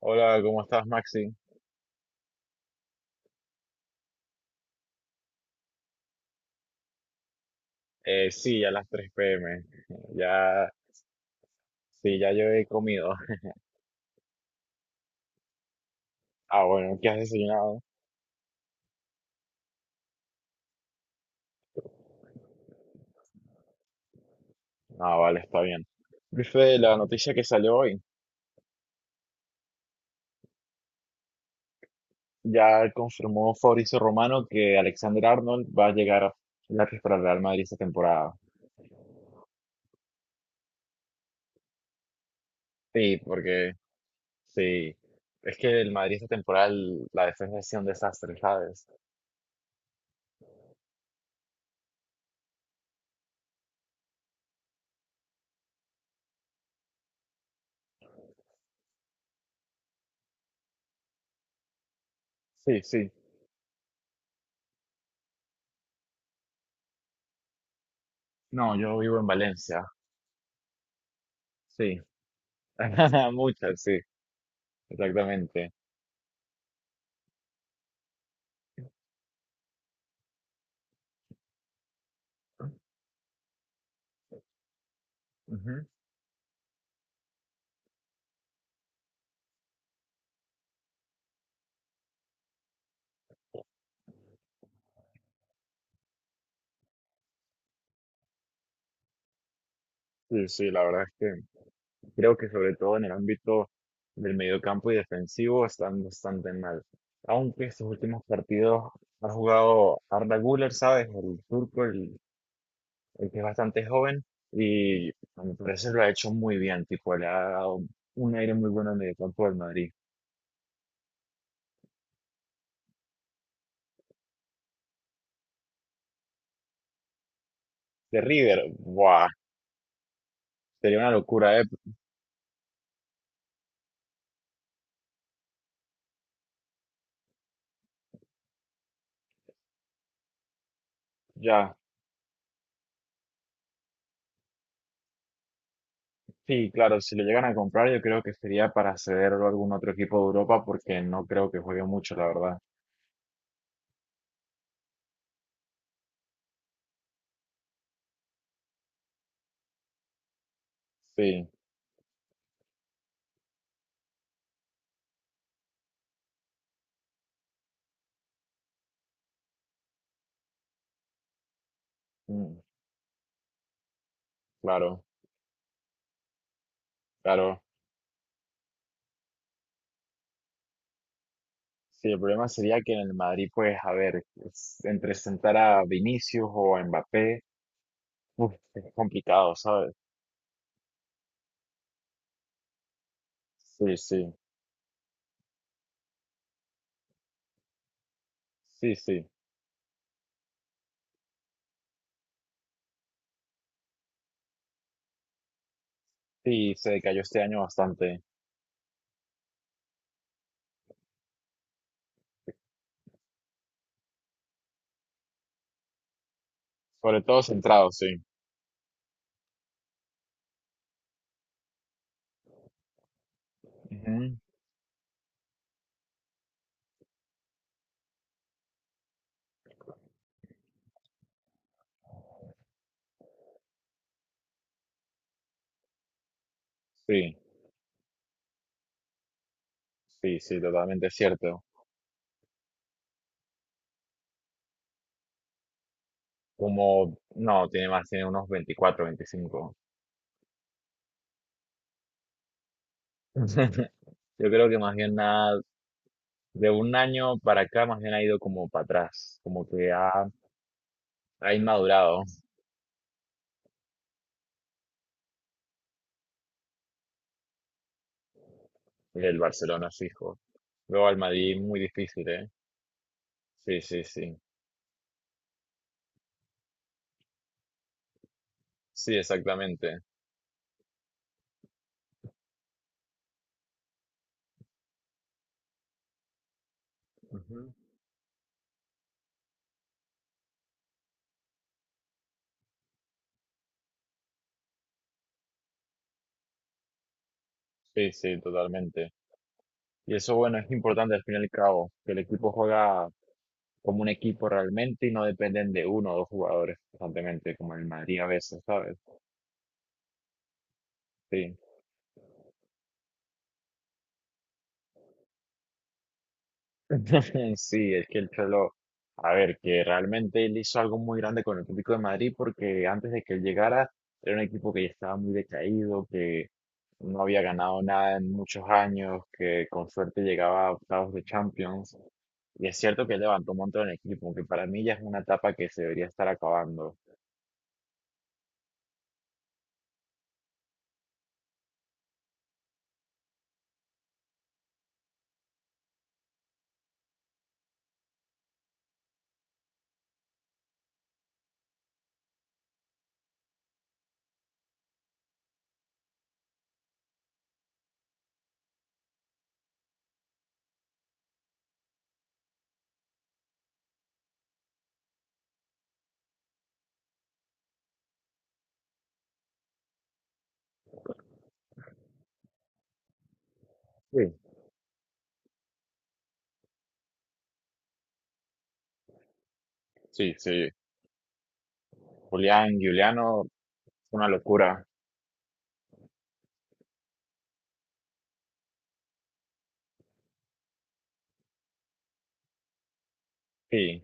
Hola, ¿cómo estás, Maxi? Sí, ya las 3 p.m. Ya, sí, ya yo he comido. Ah, bueno, ¿qué has desayunado? Ah, vale, está bien. Viste la noticia que salió hoy. Ya confirmó Fabrizio Romano que Alexander Arnold va a llegar gratis para el Real Madrid esta temporada. Sí, porque sí. Es que el Madrid esta temporada, la defensa ha sido un desastre, ¿sabes? Sí, sí. No, yo vivo en Valencia. Sí. Muchas, sí, exactamente. Sí, sí, la verdad es que creo que sobre todo en el ámbito del mediocampo y defensivo están bastante mal. Aunque estos últimos partidos ha jugado Arda Güler, ¿sabes? El turco, el que es bastante joven y a mi parecer lo ha hecho muy bien, tipo, le ha dado un aire muy bueno al mediocampo del Madrid. De River, ¡buah! Sería una locura, ¿eh? Ya, sí, claro, si lo llegan a comprar yo creo que sería para cederlo a algún otro equipo de Europa porque no creo que juegue mucho, la verdad. Sí. Mm. Claro, claro. Sí, el problema sería que en el Madrid, pues, a ver, entre sentar a Vinicius o a Mbappé, uf, es complicado, ¿sabes? Sí, sí, sí, sí. Sí, se decayó este año bastante. Sobre todo centrado, sí. Ujú. Sí, sí, sí, totalmente cierto. Como, no, tiene más, tiene unos 24 25. Yo creo que más bien nada, de un año para acá, más bien ha ido como para atrás, como que ha inmadurado. El Barcelona fijo. Luego al Madrid muy difícil, ¿eh? Sí, sí, sí. Sí, exactamente. Ujú. Sí, sí, totalmente. Y eso, bueno, es importante al fin y al cabo, que el equipo juega como un equipo realmente y no dependen de uno o dos jugadores constantemente, como el Madrid a veces, ¿sabes? Sí. Sí, es que el Cholo, a ver, que realmente él hizo algo muy grande con el Atlético de Madrid porque antes de que él llegara era un equipo que ya estaba muy decaído, que no había ganado nada en muchos años, que con suerte llegaba a octavos de Champions. Y es cierto que él levantó un montón el equipo, aunque para mí ya es una etapa que se debería estar acabando. Sí, sí, sí. Julián Giuliano, una locura. Sí,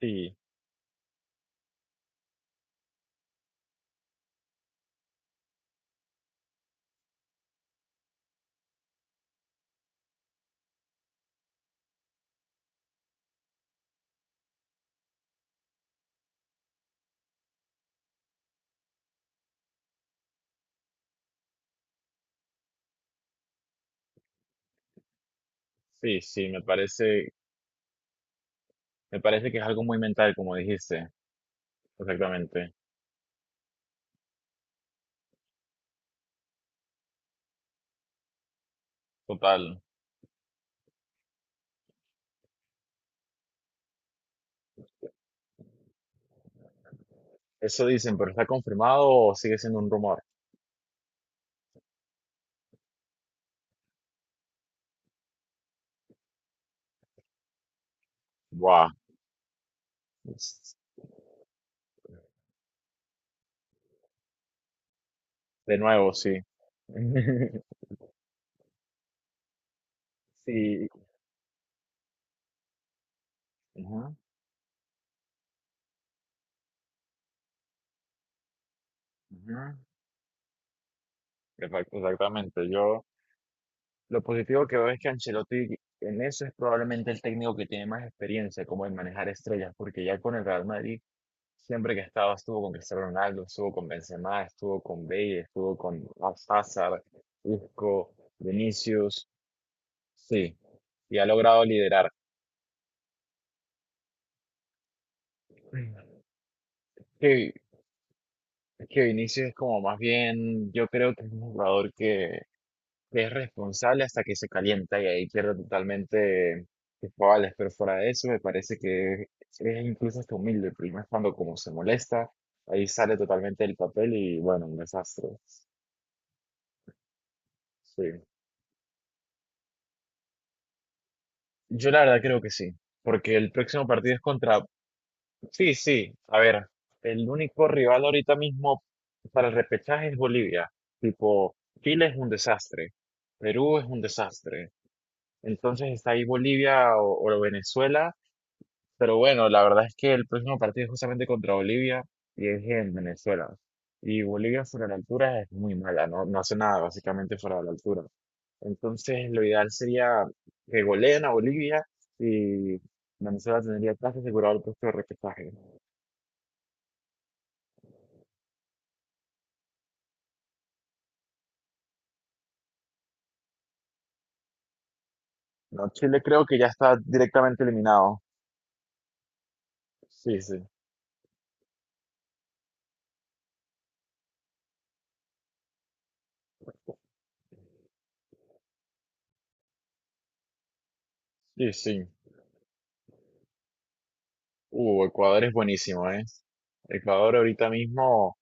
sí, sí, sí, me parece que es algo muy mental, como dijiste. Exactamente. Total. Eso dicen, pero ¿está confirmado o sigue siendo un rumor? Buah. De nuevo, sí. Sí. Ajá, ajá. Exactamente. Yo lo positivo que veo es que Ancelotti en eso es probablemente el técnico que tiene más experiencia como en manejar estrellas, porque ya con el Real Madrid siempre que estaba estuvo con Cristiano Ronaldo, estuvo con Benzema, estuvo con Bale, estuvo con Hazard, Isco, Vinicius, sí, y ha logrado liderar. Que, que Vinicius es como más bien, yo creo que es un jugador que es responsable hasta que se calienta y ahí pierde totalmente sus cabales, pero fuera de eso me parece que es incluso hasta humilde, porque más cuando como se molesta, ahí sale totalmente del papel y bueno, un desastre. Sí. Yo la verdad creo que sí, porque el próximo partido es contra... Sí, sí, a ver, el único rival ahorita mismo para el repechaje es Bolivia, tipo, Chile es un desastre, Perú es un desastre, entonces está ahí Bolivia o Venezuela. Pero bueno, la verdad es que el próximo partido es justamente contra Bolivia y es en Venezuela. Y Bolivia fuera de la altura es muy mala, no, no hace nada básicamente fuera de la altura. Entonces lo ideal sería que goleen a Bolivia y Venezuela tendría casi asegurado el puesto de repechaje. No, Chile creo que ya está directamente eliminado. Sí, sí, sí, sí. Ecuador es buenísimo, ¿eh? Ecuador ahorita mismo,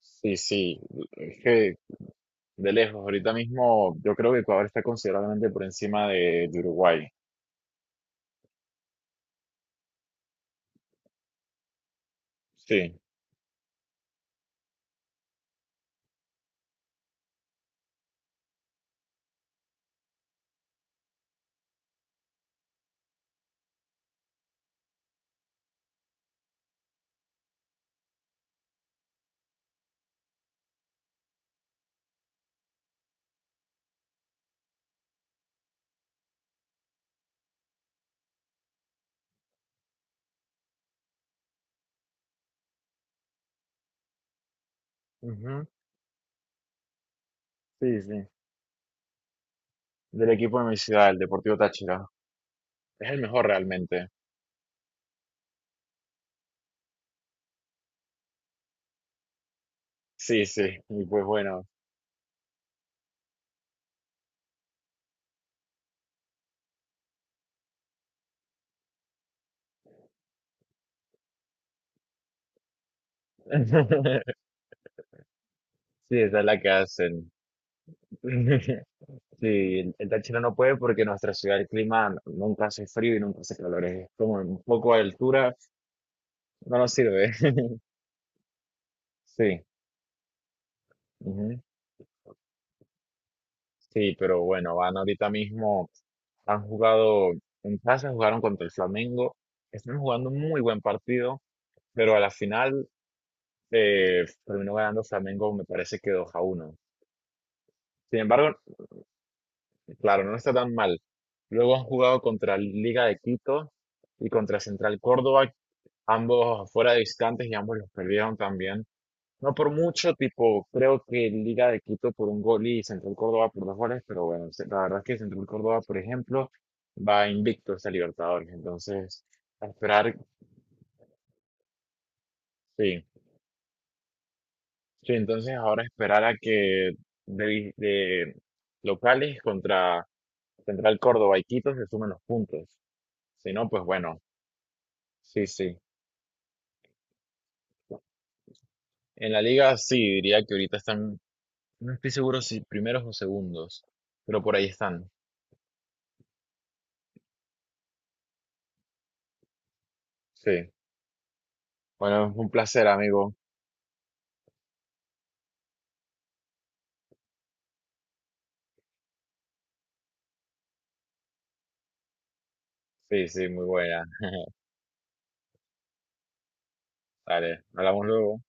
sí, sí. Es que de lejos, ahorita mismo yo creo que Ecuador está considerablemente por encima de Uruguay. Sí, ujú. Sí, sí. Del equipo de mi ciudad, el Deportivo Táchira. Es el mejor realmente. Sí, sí. Y pues bueno. Sí, esa es la que hacen. Sí, el Táchira no puede porque en nuestra ciudad el clima nunca hace frío y nunca hace calor. Es como un poco de altura, no nos sirve. Sí. Sí, pero bueno, van ahorita mismo, han jugado en casa, jugaron contra el Flamengo, están jugando un muy buen partido, pero a la final, terminó ganando Flamengo, me parece que 2-1. Sin embargo, claro, no está tan mal. Luego han jugado contra Liga de Quito y contra Central Córdoba, ambos fuera de distantes y ambos los perdieron también. No por mucho, tipo, creo que Liga de Quito por un gol y Central Córdoba por dos goles, pero bueno, la verdad es que Central Córdoba, por ejemplo, va invicto esta Libertadores, entonces, a esperar, sí, sí, entonces ahora esperar a que de locales contra Central Córdoba y Quito se sumen los puntos, si no, pues bueno, sí, sí. En la Liga sí, diría que ahorita están, no estoy seguro si primeros o segundos, pero por ahí están, sí. Bueno, un placer, amigo. Sí, sí, muy buena. Dale, hablamos luego.